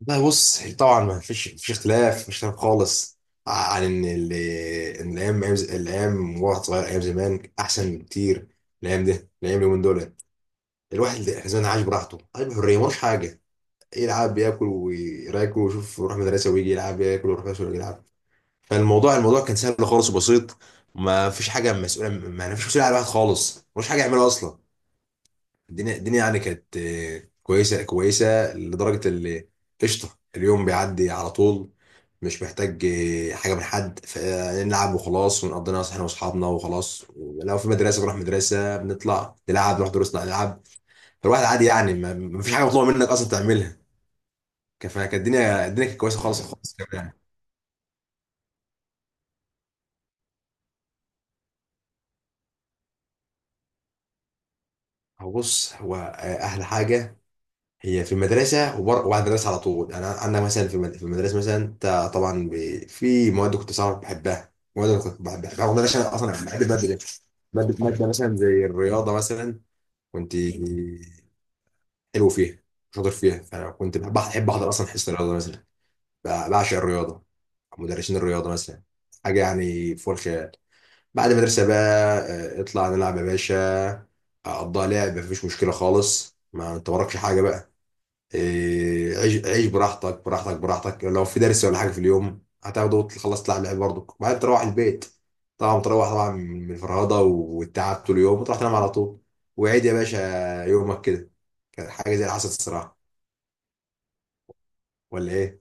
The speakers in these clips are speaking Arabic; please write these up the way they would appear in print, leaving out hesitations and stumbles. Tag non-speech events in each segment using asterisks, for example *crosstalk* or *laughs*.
لا بص، هي طبعا ما فيش اختلاف، مش اختلاف خالص عن ان الايام، الايام وقت صغير، ايام زمان احسن بكتير. الايام اليومين دول الواحد زمان عايش براحته، عايش بحريه، ملوش حاجه. يلعب ياكل ويراكل ويشوف، يروح مدرسه ويجي يلعب، ياكل ويروح مدرسه ويجي يلعب. فالموضوع كان سهل خالص وبسيط. ما فيش حاجه مسؤوله، ما فيش مسؤوليه على الواحد خالص، ملوش حاجه يعملها اصلا. الدنيا يعني كانت كويسه، كويسه. لدرجه اللي قشطه اليوم بيعدي على طول. مش محتاج حاجه من حد نلعب وخلاص، ونقضي ناس احنا واصحابنا وخلاص. لو في مدرسه بنروح مدرسه، بنطلع نلعب، نروح دروسنا نلعب. فالواحد عادي يعني، ما فيش حاجه مطلوبه منك اصلا تعملها. فكانت الدنيا كانت كويسه خالص خالص كمان. هو بص، هو احلى حاجه هي في المدرسة وبعد المدرسة على طول. يعني أنا مثلا في المدرسة مثلا، أنت طبعا ب... في مواد كنت صعب بحبها، مواد أنا كنت بحبها رغم إن أنا عشان أصلا بحب المادة دي. مادة مثلا زي الرياضة مثلا، كنت حلو فيها، شاطر فيها. فأنا كنت بحب أحضر أصلا حصة الرياضة مثلا. بعشق الرياضة. مدرسين الرياضة مثلا حاجة يعني فوق الخيال. بعد المدرسة بقى، اطلع نلعب يا باشا. أقضيها لعب، مفيش مشكلة خالص، ما أنت وراكش حاجة بقى. إيه، عيش، عيش براحتك براحتك. لو في درس ولا حاجه في اليوم هتاخده وتخلص، تلعب لعب برضك بعدين تروح البيت. طبعا تروح، طبعا من الفرهده والتعب طول اليوم، وتروح تنام على طول. وعيد يا باشا، يومك كده. كانت حاجه زي اللي حصلت الصراحه. ولا ايه؟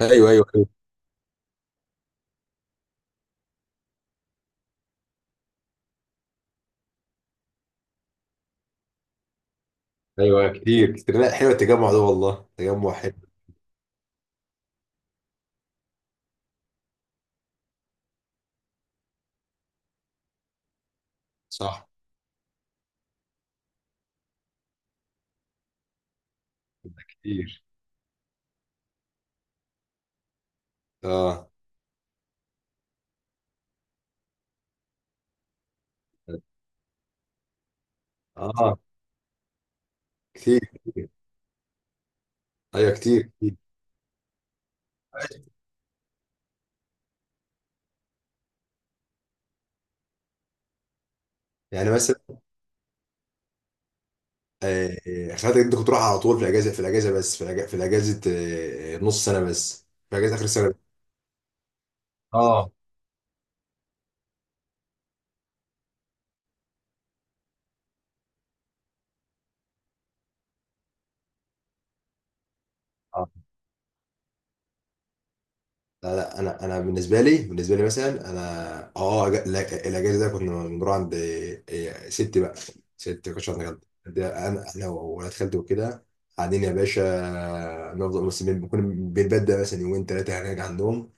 ايوه، ايوه. ايوه، ايوه، كتير كتير. لا، حلو التجمع ده والله، تجمع حلو. صح. ده كتير. اه. اه، كتير كتير. ايوه، كتير كتير. يعني مثلا، خدت انت كنت تروح على طول في الاجازه، في الاجازه، نص سنه، بس في اجازه اخر السنه. اه. اه، لا لا. انا بالنسبه لي، بالنسبه لي مثلا، انا اه لا، الاجازه ده كنا بنروح عند إيه، ستي بقى. ستي، ما كنتش عند جد. ده انا وولاد خالتي وكده، قاعدين يا باشا. نفضل بس بنكون بنبدأ مثلا يومين ثلاثه هناك عندهم.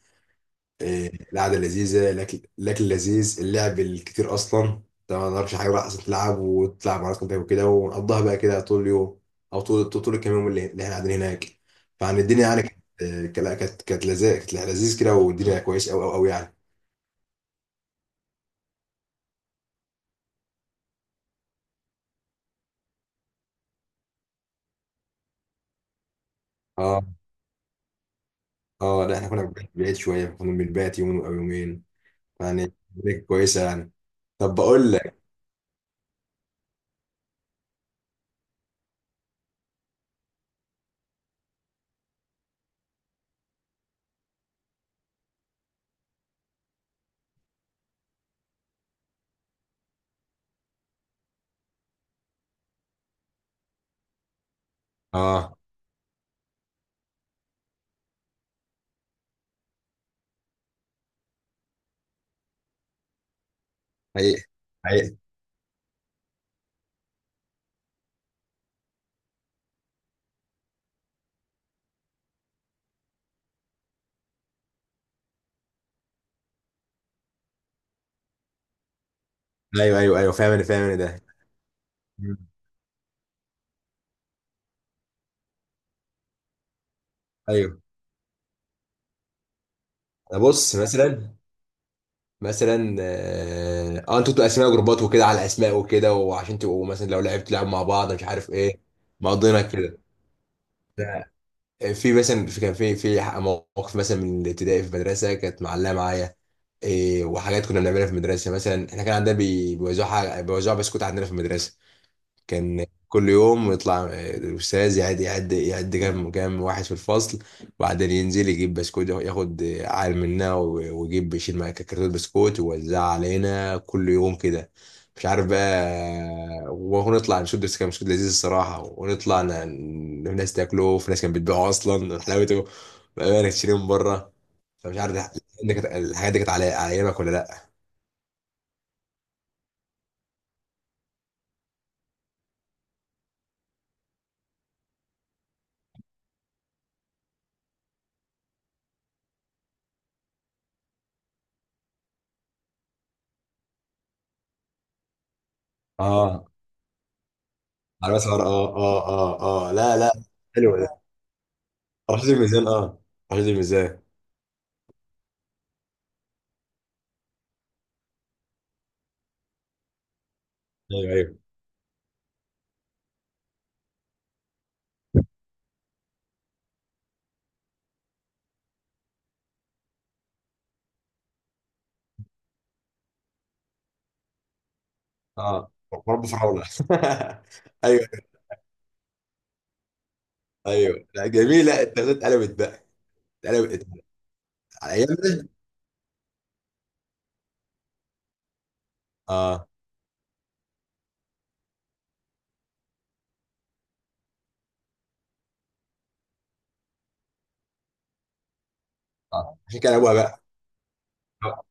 إيه، القعده لذيذه، الاكل لذيذ، اللعب الكتير. اصلا طبعا ما نعرفش حاجه بقى اصلا، تلعب وتلعب مع ناس وكده، ونقضيها بقى كده طول اليوم، او طول الكام يوم اللي اللي احنا قاعدين هناك. فعن الدنيا يعني كانت كانت لذيذ، كانت لذيذ كده، والدنيا كويس قوي قوي قوي يعني. اه. اه، لا احنا كنا بعيد شويه، كنا بنبات يوم او يومين. يعني الدنيا كانت كويسه يعني. طب بقول لك. اه. حقيقي، حقيقي. ايوه، ايوه، ايوه، فاهم انا، فاهم انا ده. مم. ايوه. انا بص مثلا، مثلا اه، انتوا بتبقوا اسماء جروبات وكده، على الاسماء وكده، وعشان تبقوا مثلا لو لعبت لعب مع بعض، مش عارف ايه. مقضينا كده. ده- في مثلا، في كان في في مواقف مثلا من الابتدائي في المدرسه كانت معلقه معايا. إيه وحاجات كنا بنعملها في المدرسه مثلا. احنا كان عندنا بيوزعوا حاجه، بيوزعوا بسكوت عندنا في المدرسه. كان كل يوم يطلع الأستاذ يعد يعد كام واحد في الفصل، وبعدين ينزل يجيب بسكوت، ياخد عال منا ويجيب يشيل معاه كرتون بسكوت ويوزعها علينا كل يوم كده. مش عارف بقى، ونطلع نشد، بس كان بسكوت لذيذ الصراحة. ونطلع ناس تاكله، وفي ناس كانت بتبيعه أصلا حلاوته بقى، تشتريه من بره. فمش عارف الحاجات دي كانت على على أيامك ولا لأ؟ اه، على مثلا. اه، اه. اه، اه، لا لا. حلو. رشيد الميزان، اه. رشيد الميزان. ايوه، ايوه. اه. رب فرعون. *laughs* ايوه. ايوه، لا جميله، التغذيه اتقلبت بقى. اتقلبت على ايامنا. اه. اه، عشان كان ابوها بقى. آه،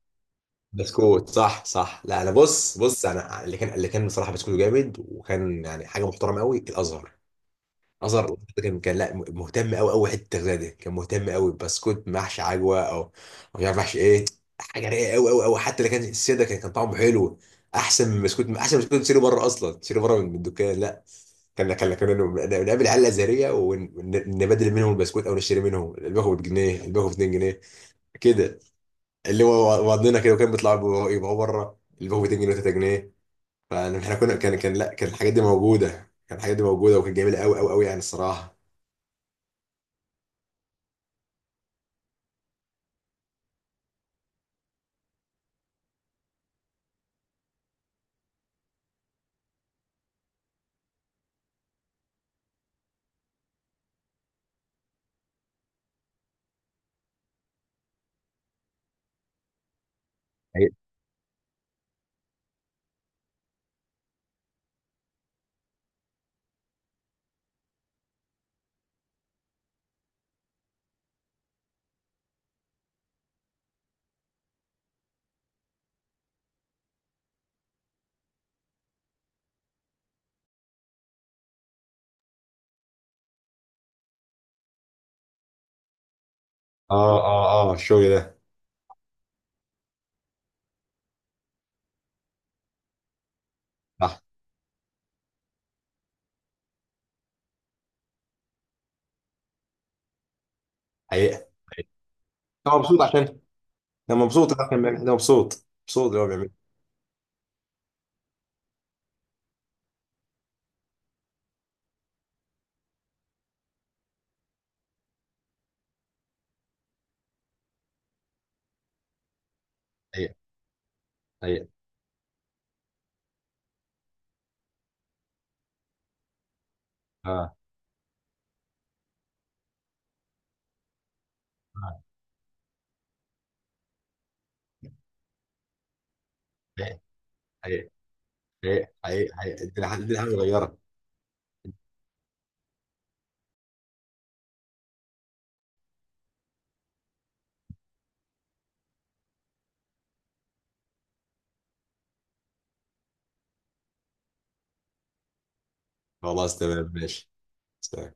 بسكوت، صح صح. لا انا بص، انا اللي كان، اللي كان بصراحه بسكوت جامد، وكان يعني حاجه محترمه قوي، الازهر نظر. ده كان كان، لا مهتم قوي قوي حته التغذيه دي، كان مهتم قوي. بسكوت محشي عجوه او مش عارف محشي ايه، حاجه رايقه قوي قوي قوي. حتى اللي كان السيده كان كان طعمه حلو، احسن من بسكوت، احسن من بسكوت تشتري بره، اصلا تشتري بره من من الدكان. لا، كان كنا نقابل العيال الازهريه ونبدل منهم البسكوت، او نشتري منهم الباكو بجنيه، الباكو ب 2 جنيه كده. اللي هو وضنا كده، وكان بيطلع يبقى بره الباكو ب 2 جنيه و3 جنيه. فاحنا كنا كان لا، كان الحاجات دي موجوده، كان الحاجات دي موجوده وكانت جميله قوي قوي قوي يعني الصراحه. اه، اه، اه، الشغل ده. صح. حقيقة، حقيقة. انا مبسوط عشان، انا مبسوط عشان انا مبسوط اللي هو بيعمله. حقيقة، حقيقة. اه، اه. حقيقة، حقيقة، حقيقة. الدنيا، الدنيا حاجة صغيرة. خلاص، تمام ماشي. سلام.